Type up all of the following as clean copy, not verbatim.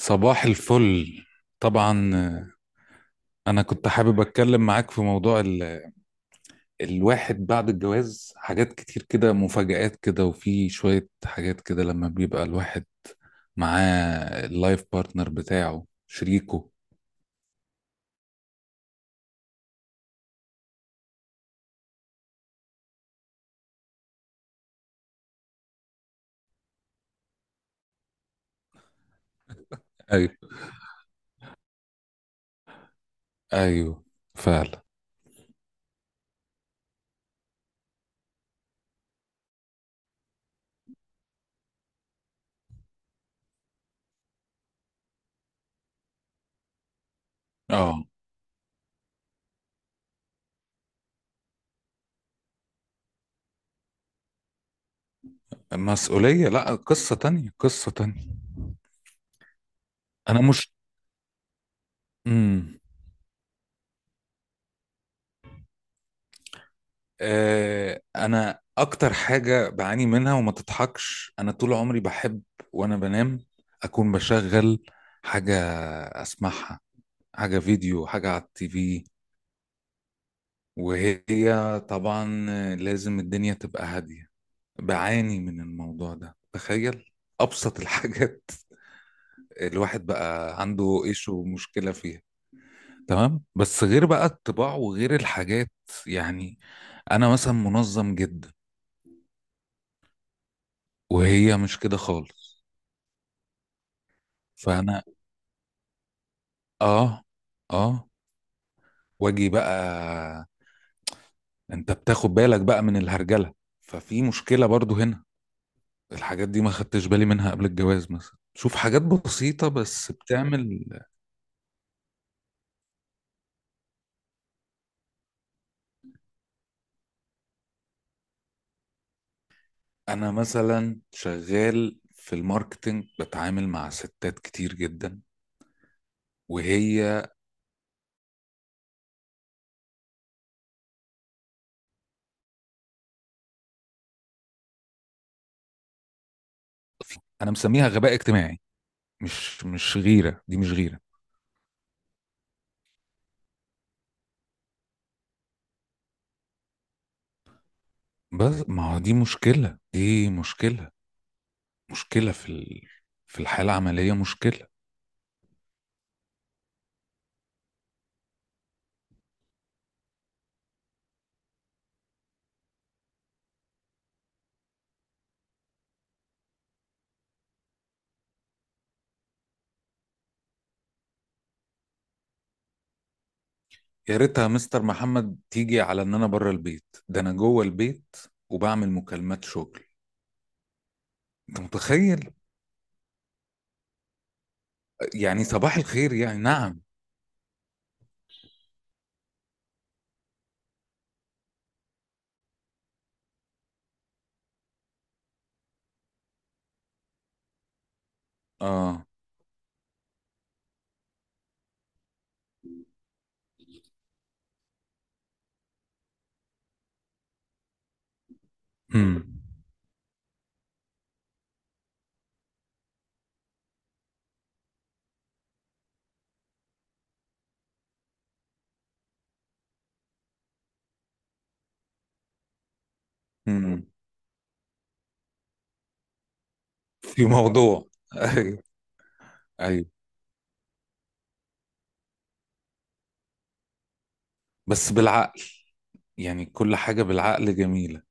صباح الفل. طبعا آه، انا كنت حابب اتكلم معاك في موضوع. الواحد بعد الجواز حاجات كتير كده، مفاجآت كده، وفي شوية حاجات كده لما بيبقى الواحد معاه اللايف بارتنر بتاعه، شريكه. ايوه، ايوه، فعلا اه مسؤولية، لا قصة تانية قصة تانية. انا مش مم. انا اكتر حاجه بعاني منها وما تضحكش، انا طول عمري بحب وانا بنام اكون بشغل حاجه اسمعها، حاجه فيديو، حاجه على التي في. وهي طبعا لازم الدنيا تبقى هاديه. بعاني من الموضوع ده، تخيل، ابسط الحاجات. الواحد بقى عنده ايش ومشكله فيها. تمام، بس غير بقى الطباع وغير الحاجات، يعني انا مثلا منظم جدا وهي مش كده خالص. فانا اه اه واجي بقى، انت بتاخد بالك بقى من الهرجله، ففي مشكله برضو هنا. الحاجات دي ما خدتش بالي منها قبل الجواز، مثلا شوف حاجات بسيطه بس بتعمل. انا مثلا شغال في الماركتينج، بتعامل مع ستات كتير جدا، وهي انا مسميها غباء اجتماعي. مش غيره، دي مش غيره. بس ما هو دي مشكله، دي مشكله، مشكله في الحاله العمليه مشكله. يا ريتها مستر محمد تيجي على ان انا بره البيت، ده انا جوه البيت وبعمل مكالمات شغل، انت متخيل؟ يعني صباح الخير، يعني نعم. اه امم امم في موضوع ايوه، ايوه، بس بالعقل. يعني كل حاجة بالعقل جميلة،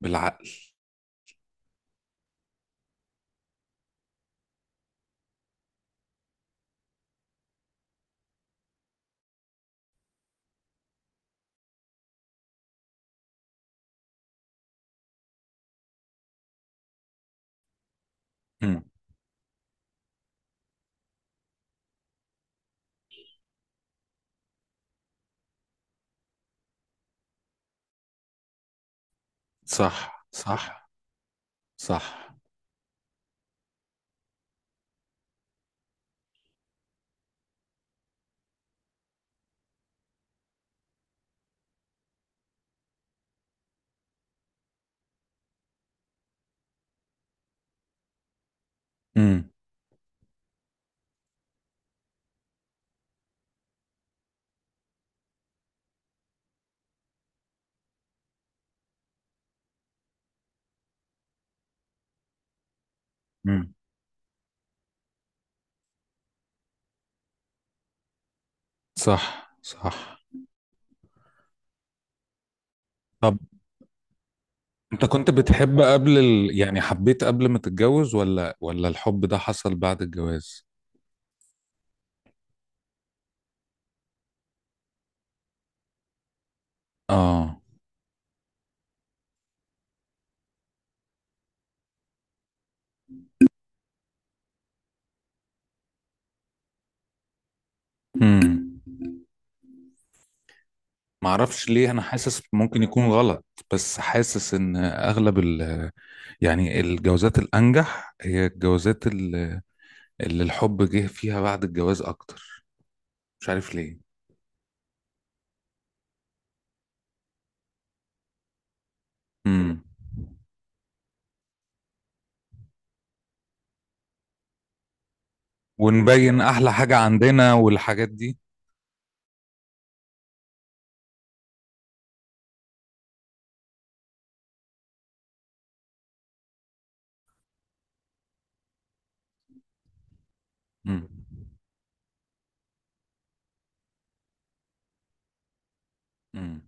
بالعقل. امم صح، صح، صح. امم امم صح، صح. طب، انت كنت بتحب قبل يعني حبيت قبل ما تتجوز، ولا الحب ده حصل بعد الجواز؟ اه امم معرفش ليه، انا حاسس ممكن يكون غلط، بس حاسس ان اغلب ال، يعني الجوازات الانجح هي الجوازات اللي الحب جه فيها بعد الجواز اكتر. مش عارف ليه. امم ونبين احلى حاجة عندنا والحاجات دي. امم امم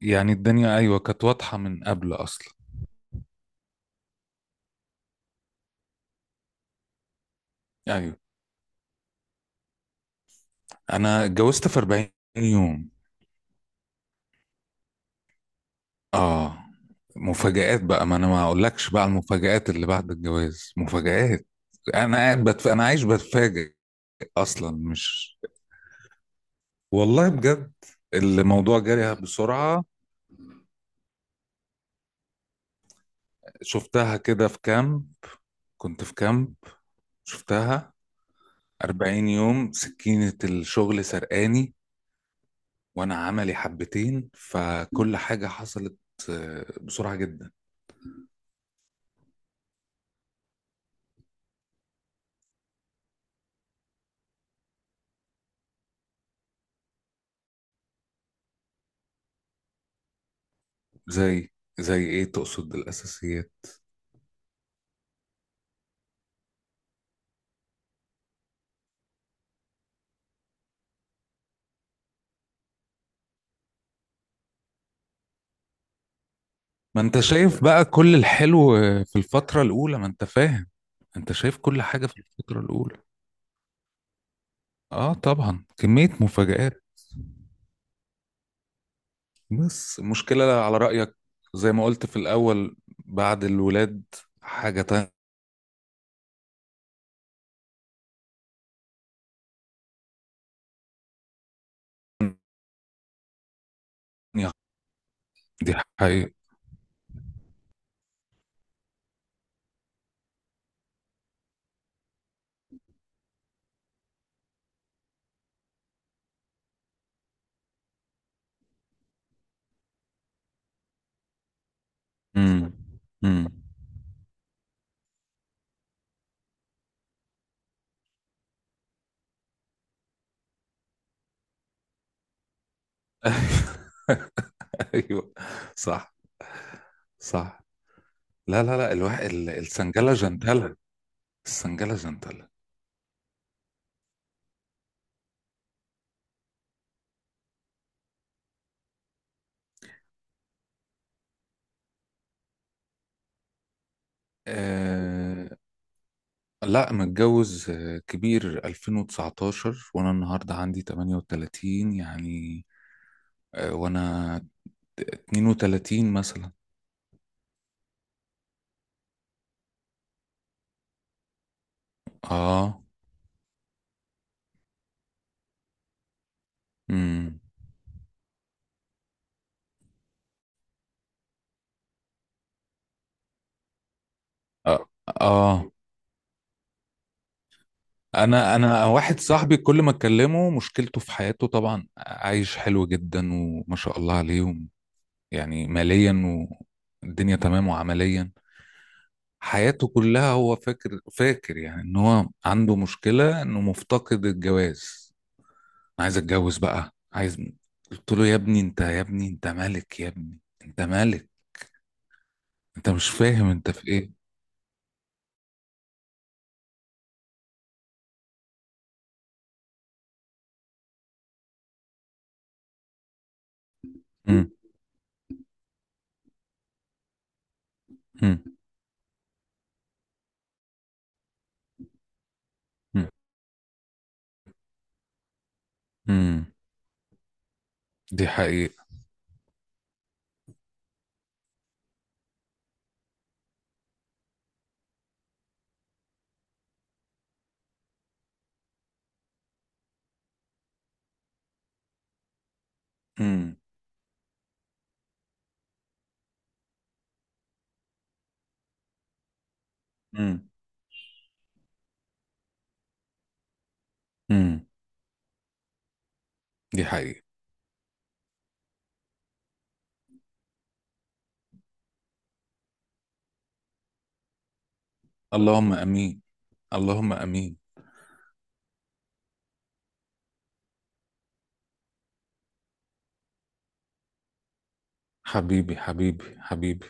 يعني الدنيا ايوه كانت واضحة من قبل اصلا. ايوه، انا اتجوزت في 40 يوم. اه مفاجآت بقى، ما انا ما اقولكش بقى على المفاجآت اللي بعد الجواز مفاجآت. انا عايش بتفاجئ اصلا، مش، والله بجد. الموضوع جري بسرعة، شفتها كده في كامب، كنت في كامب شفتها. 40 يوم سكينة الشغل سرقاني، وانا عملي حبتين، فكل حاجة حصلت بسرعة جدا. زي زي ايه تقصد الاساسيات؟ ما انت شايف بقى كل الحلو في الفترة الأولى، ما انت فاهم، انت شايف كل حاجة في الفترة الأولى. اه طبعا، كمية مفاجآت. بس المشكلة على رأيك، زي ما قلت في الأول، بعد الولاد حاجة تانية. دي حقيقة. امم امم ايوه، صح، صح. لا، لا، لا، الواحد السنجلة جنتلة. السنجلة جنتلة. لا، متجوز كبير 2019، وانا النهارده عندي 38 يعني. وانا 32 مثلا. اه امم اه آه. انا واحد صاحبي كل ما اكلمه، مشكلته في حياته طبعا عايش حلو جدا وما شاء الله عليهم، يعني ماليا، والدنيا تمام، وعمليا حياته كلها. هو فاكر فاكر يعني ان هو عنده مشكلة انه مفتقد الجواز، عايز اتجوز بقى، عايز. قلت له يا ابني، انت يا ابني، انت ملك يا ابني، انت ملك. انت مش فاهم انت في ايه. مم. مم. مم. مم. دي حقيقة. مم. مم. مم. دي حقيقة. اللهم امين. اللهم امين. حبيبي، حبيبي، حبيبي.